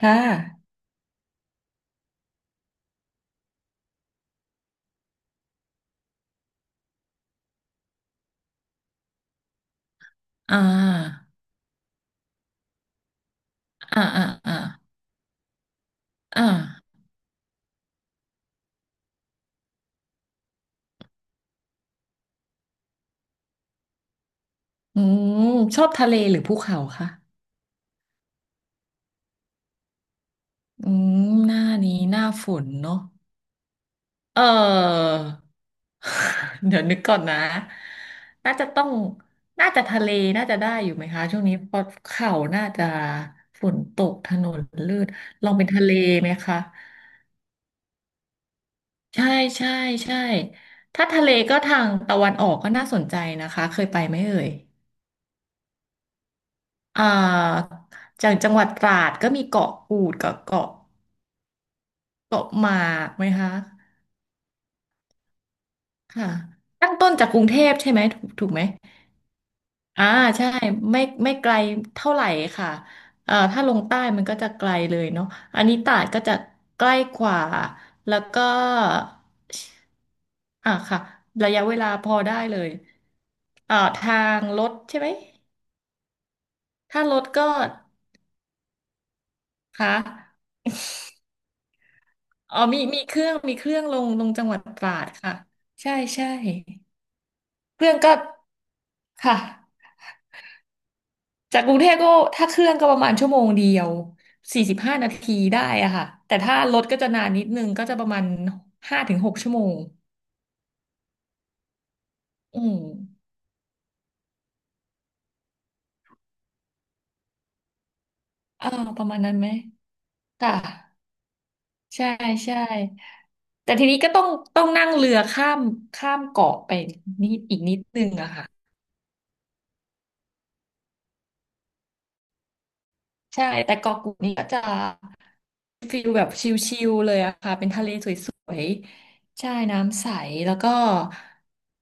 ค่ะอ่าอ่าอ่าอ่าอ่าอืมชอบทะเลหรือภูเขาคะอืมหน้านี้หน้าฝนเนาะเออ เดี๋ยวนึกก่อนนะน่าจะต้องน่าจะทะเลน่าจะได้อยู่ไหมคะช่วงนี้เพราะเขาน่าจะฝนตกถนนลื่นลองเป็นทะเลไหมคะใช่ใช่ใช่ถ้าทะเลก็ทางตะวันออกก็น่าสนใจนะคะเคยไปไหมเอ่ย อ่าจากจังหวัดตราดก็มีเกาะกูดกับเกาะเกาะหมากไหมคะค่ะตั้งต้นจากกรุงเทพใช่ไหมถูกถูกไหมอ่าใช่ไม่ไม่ไกลเท่าไหร่ค่ะถ้าลงใต้มันก็จะไกลเลยเนาะอันนี้ตราดก็จะใกล้กว่าแล้วก็ค่ะระยะเวลาพอได้เลยทางรถใช่ไหมถ้ารถก็ค่ะ อ๋อมีเครื่องลงจังหวัดตราดค่ะใช่ใช่เครื่องก็ค่ะจากกรุงเทพก็ถ้าเครื่องก็ประมาณชั่วโมงเดียว45 นาทีได้อะค่ะแต่ถ้ารถก็จะนานนิดนึงก็จะประมาณ5-6 ชั่วโมงอืมอ่าประมาณนั้นไหมค่ะใช่ใช่แต่ทีนี้ก็ต้องนั่งเรือข้ามเกาะไปนิดอีกนิดนึงอะค่ะ ใช่แต่เกาะกูดนี่ก็จะฟิลแบบชิลๆเลยอะค่ะเป็นทะเลสวยๆใช่น้ำใสแล้วก็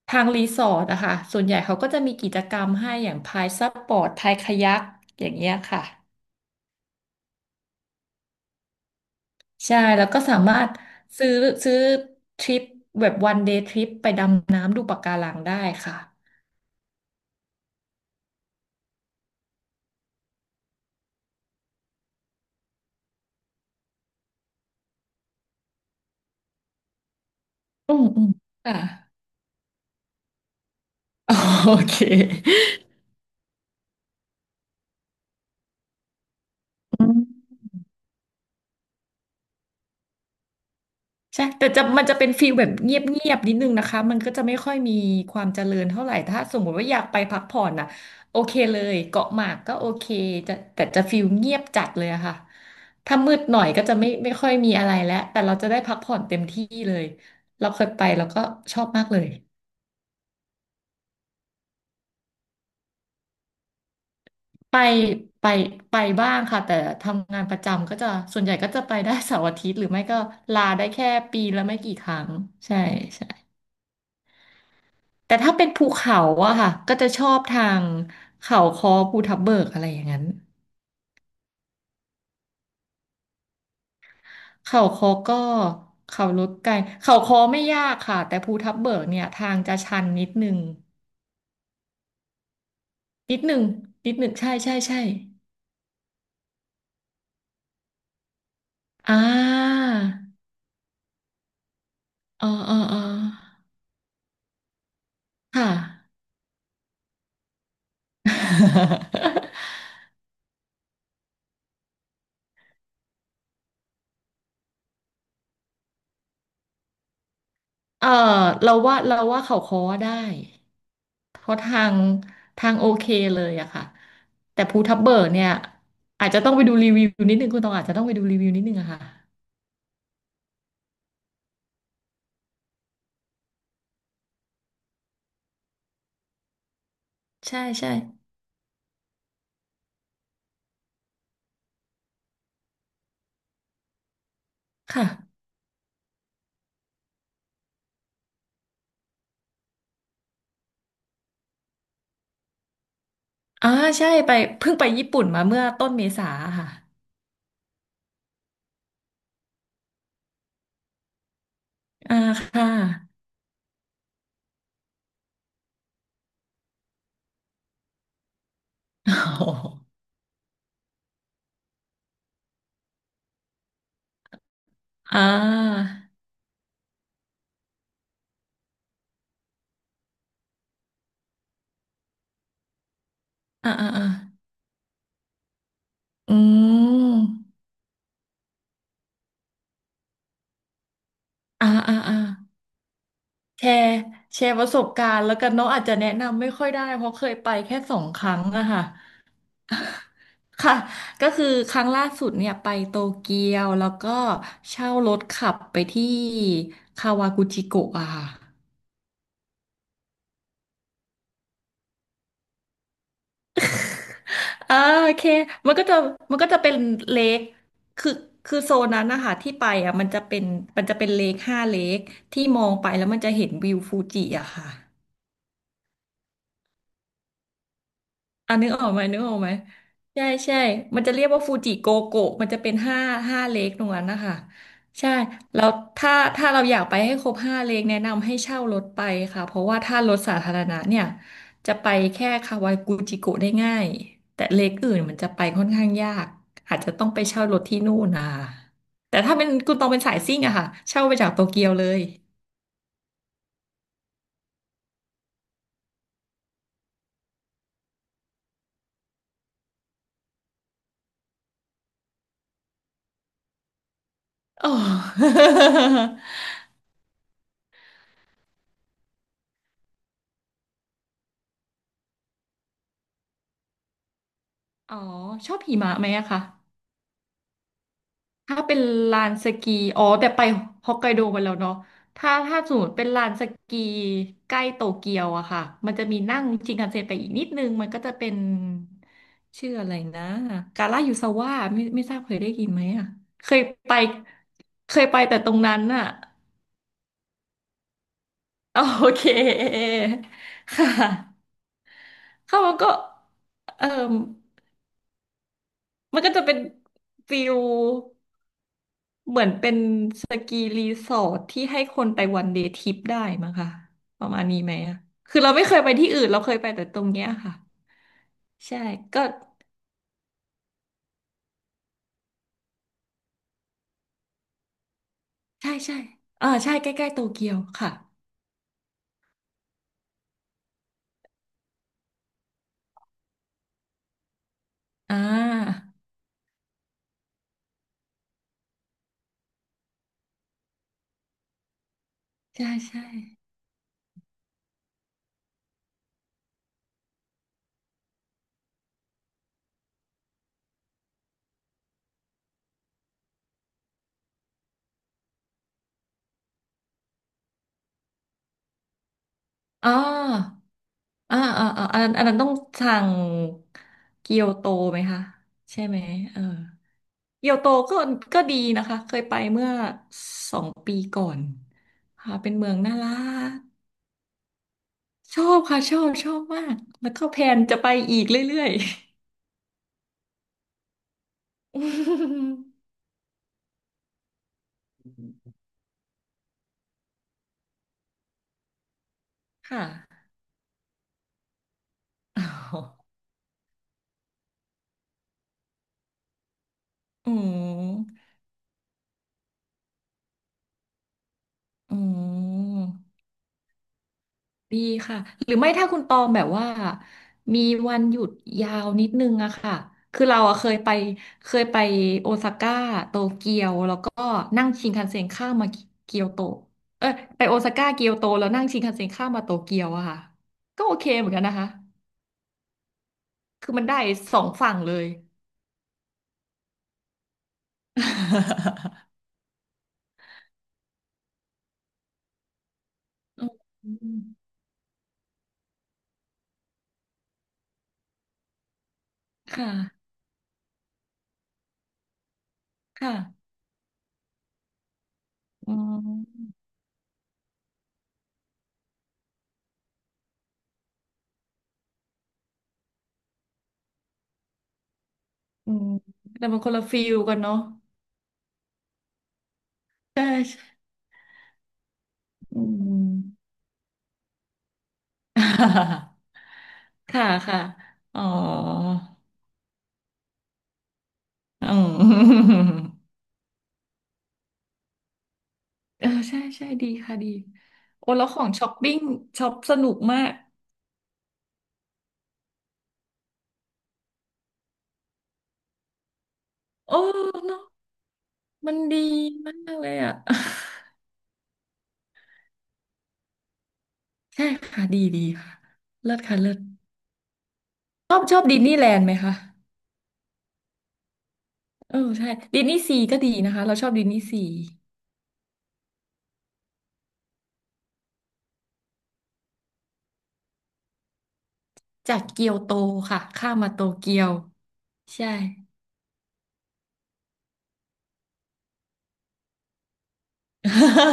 ทางรีสอร์ทอะค่ะส่วนใหญ่เขาก็จะมีกิจกรรมให้อย่างพายซับปอร์ตพายคายักอย่างเงี้ยค่ะใช่แล้วก็สามารถซื้อซื้อทริปแบบวันเดย์ทริปไปดำน้ำดูปะการังได้ค่ะอืมอืมค่ะ โอเค ใช่แต่จะมันจะเป็นฟีลแบบเงียบๆนิดนึงนะคะมันก็จะไม่ค่อยมีความเจริญเท่าไหร่ถ้าสมมุติว่าอยากไปพักผ่อนน่ะโอเคเลยเกาะหมากก็โอเคจะแต่จะฟีลเงียบจัดเลยอะค่ะถ้ามืดหน่อยก็จะไม่ไม่ค่อยมีอะไรแล้วแต่เราจะได้พักผ่อนเต็มที่เลยเราเคยไปแล้วก็ชอบมากเลยไปไปไปบ้างค่ะแต่ทำงานประจำก็จะส่วนใหญ่ก็จะไปได้เสาร์อาทิตย์หรือไม่ก็ลาได้แค่ปีละไม่กี่ครั้งใช่ แต่ถ้าเป็นภูเขาอะค่ะก็จะชอบทางเขาคอภูทับเบิกอะไรอย่างนั้นเขาคอก็เขาลดไกลเขาคอไม่ยากค่ะแต่ภูทับเบิกเนี่ยทางจะชันนิดนึงนิดนึงใช่ใช่ใช่อ่าอ๋ออ๋ออ๋อค่ะ เออเราว่าเขาค้อได้เพราะทางโอเคเลยอะค่ะแต่ภูทับเบิกเนี่ยอาจจะต้องไปดูรีวิวนิดนึงคุณตองอาจจะต้องไปดูรีวิวนิดนึงอะค่ะใช่ใช่ค่ะอ่าใช่ไปเพิ่งไปญี่ปุ่นมาเมื่อต้นเมษาค่ะอ่าค่ะ โอ้โหอ่าอ่าอ่าอ่าอืมอ่าอ่าอ่าแชร์ประสบการณ์แล้วกันเนาะอาจจะแนะนำไม่ค่อยได้เพราะเคยไปแค่2 ครั้งอะค่ะ ค่ะก็คือครั้งล่าสุดเนี่ยไปโตเกียวแล้วก็เช่ารถขับไปที่คาวากุจิโกะอะค่ะอ่าโอเคมันก็จะมันก็จะเป็นเลคคือคือโซนนั้นนะคะที่ไปอ่ะมันจะเป็นเลคห้าเลคที่มองไปแล้วมันจะเห็นวิวฟูจิอะค่ะ อ่ะนึกออกไหมใช่ใช่มันจะเรียกว่าฟูจิโกโกะมันจะเป็นห้าเลคตรงนั้นนะคะใช่แล้วถ้าเราอยากไปให้ครบห้าเลคแนะนำให้เช่ารถไปค่ะเพราะว่าถ้ารถสาธารณะเนี่ยจะไปแค่คาวากุจิโกะได้ง่ายแต่เลคอื่นมันจะไปค่อนข้างยากอาจจะต้องไปเช่ารถที่นู่นนะคะแต่ถ้าเป็นคุณต้องเป็นสายซิ่งอะค่ะเช่าไปจากโตเกียวเลยอ๋อ อ๋อชอบหิมะไหมอะคะ ถ้าเป็นลานสกีอ๋อแต่ไปฮอกไกโดมาแล้วเนาะถ้าสมมติเป็นลานสกีใกล้โตเกียวอะค่ะมันจะมีนั่งชินคันเซ็นไปอีกนิดนึงมันก็จะเป็นชื่ออะไรนะกาลายูซาวะไม่ทราบเคยได้ยินไหมอะเคยไปแต่ตรงนั้นอะ โอเคค่ะเข้ามันก็เออ มันก็จะเป็นฟิลเหมือนเป็นสกีรีสอร์ทที่ให้คนไปวันเดย์ทริปได้มั้งค่ะประมาณนี้ไหมอะคือเราไม่เคยไปที่อื่นเราเคยไปแต่ตรงเนี้ยค่ะใช่ก็ใช่ใช่ใช่ใกล้ๆโตเกียวค่ะอ่าใช่ใช่ อ๋ออันนั้นต้องสั่งเกียวโตไหมคะ ใช่ไหมเออเกียวโตก็ดีนะคะ เคยไปเมื่อ2 ปีก่อนค่ะ เป็นเมืองน่ารักชอบค่ะ ชอบ ชอบมาก แล้วก็แพลนจะไปอีกเรื่อยๆ ค่ะ อออืมอืม ดีค่ะหรือไม่ถ้าคุณตองแบบว่ามีวันหยุดยาวนิดนึงอะค่ะคือเราอะเคยไปเคยไปโอซาก้าโตเกียวแล้วก็นั่งชินคันเซ็นข้ามมาเกียวโตเออไปโอซาก้าเกียวโตแล้วนั่งชินคันเซ็นข้ามมาโตเกียวอะค่ะก็โอเคเหมือนกันนะคะคือมันได้สองฝั่งเลย อืมค่ะค่ะอืมอืมแต่มันคนละฟิลกันเนาะใช่ใช่อืม ค่ะค่ะ อ๋ออ๋อ เออใช่ใช่ดีค่ะดีโอ้แล้วของช้อปปิ้งช็อปสนุกมาก โอ้เนาะมันดีมากเลยอ่ะ ใช่ค่ะดีดีค่ะเลิศค่ะเลิศชอบชอบดิสนีย์แลนด์ไหมคะเออใช่ดิสนีย์ซีก็ดีนะคะเราชอบดิสนีย์ซีจากเกียวโตค่ะข้ามมาโตเกียวใช่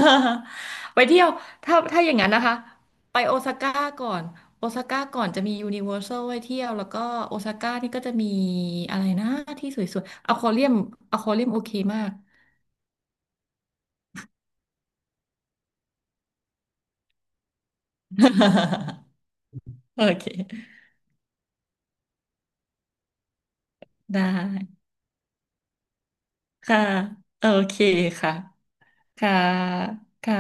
ไปเที่ยวถ้าอย่างนั้นนะคะไปโอซาก้าก่อนโอซาก้าก่อนจะมียูนิเวอร์แซลไว้เที่ยวแล้วก็โอซาก้านี่ก็จะมีอะไรนะที่สวยๆอควาเรียมอควาเรียมโอเคมาก โอเคได้ค่ะโอเคค่ะค่ะค่ะ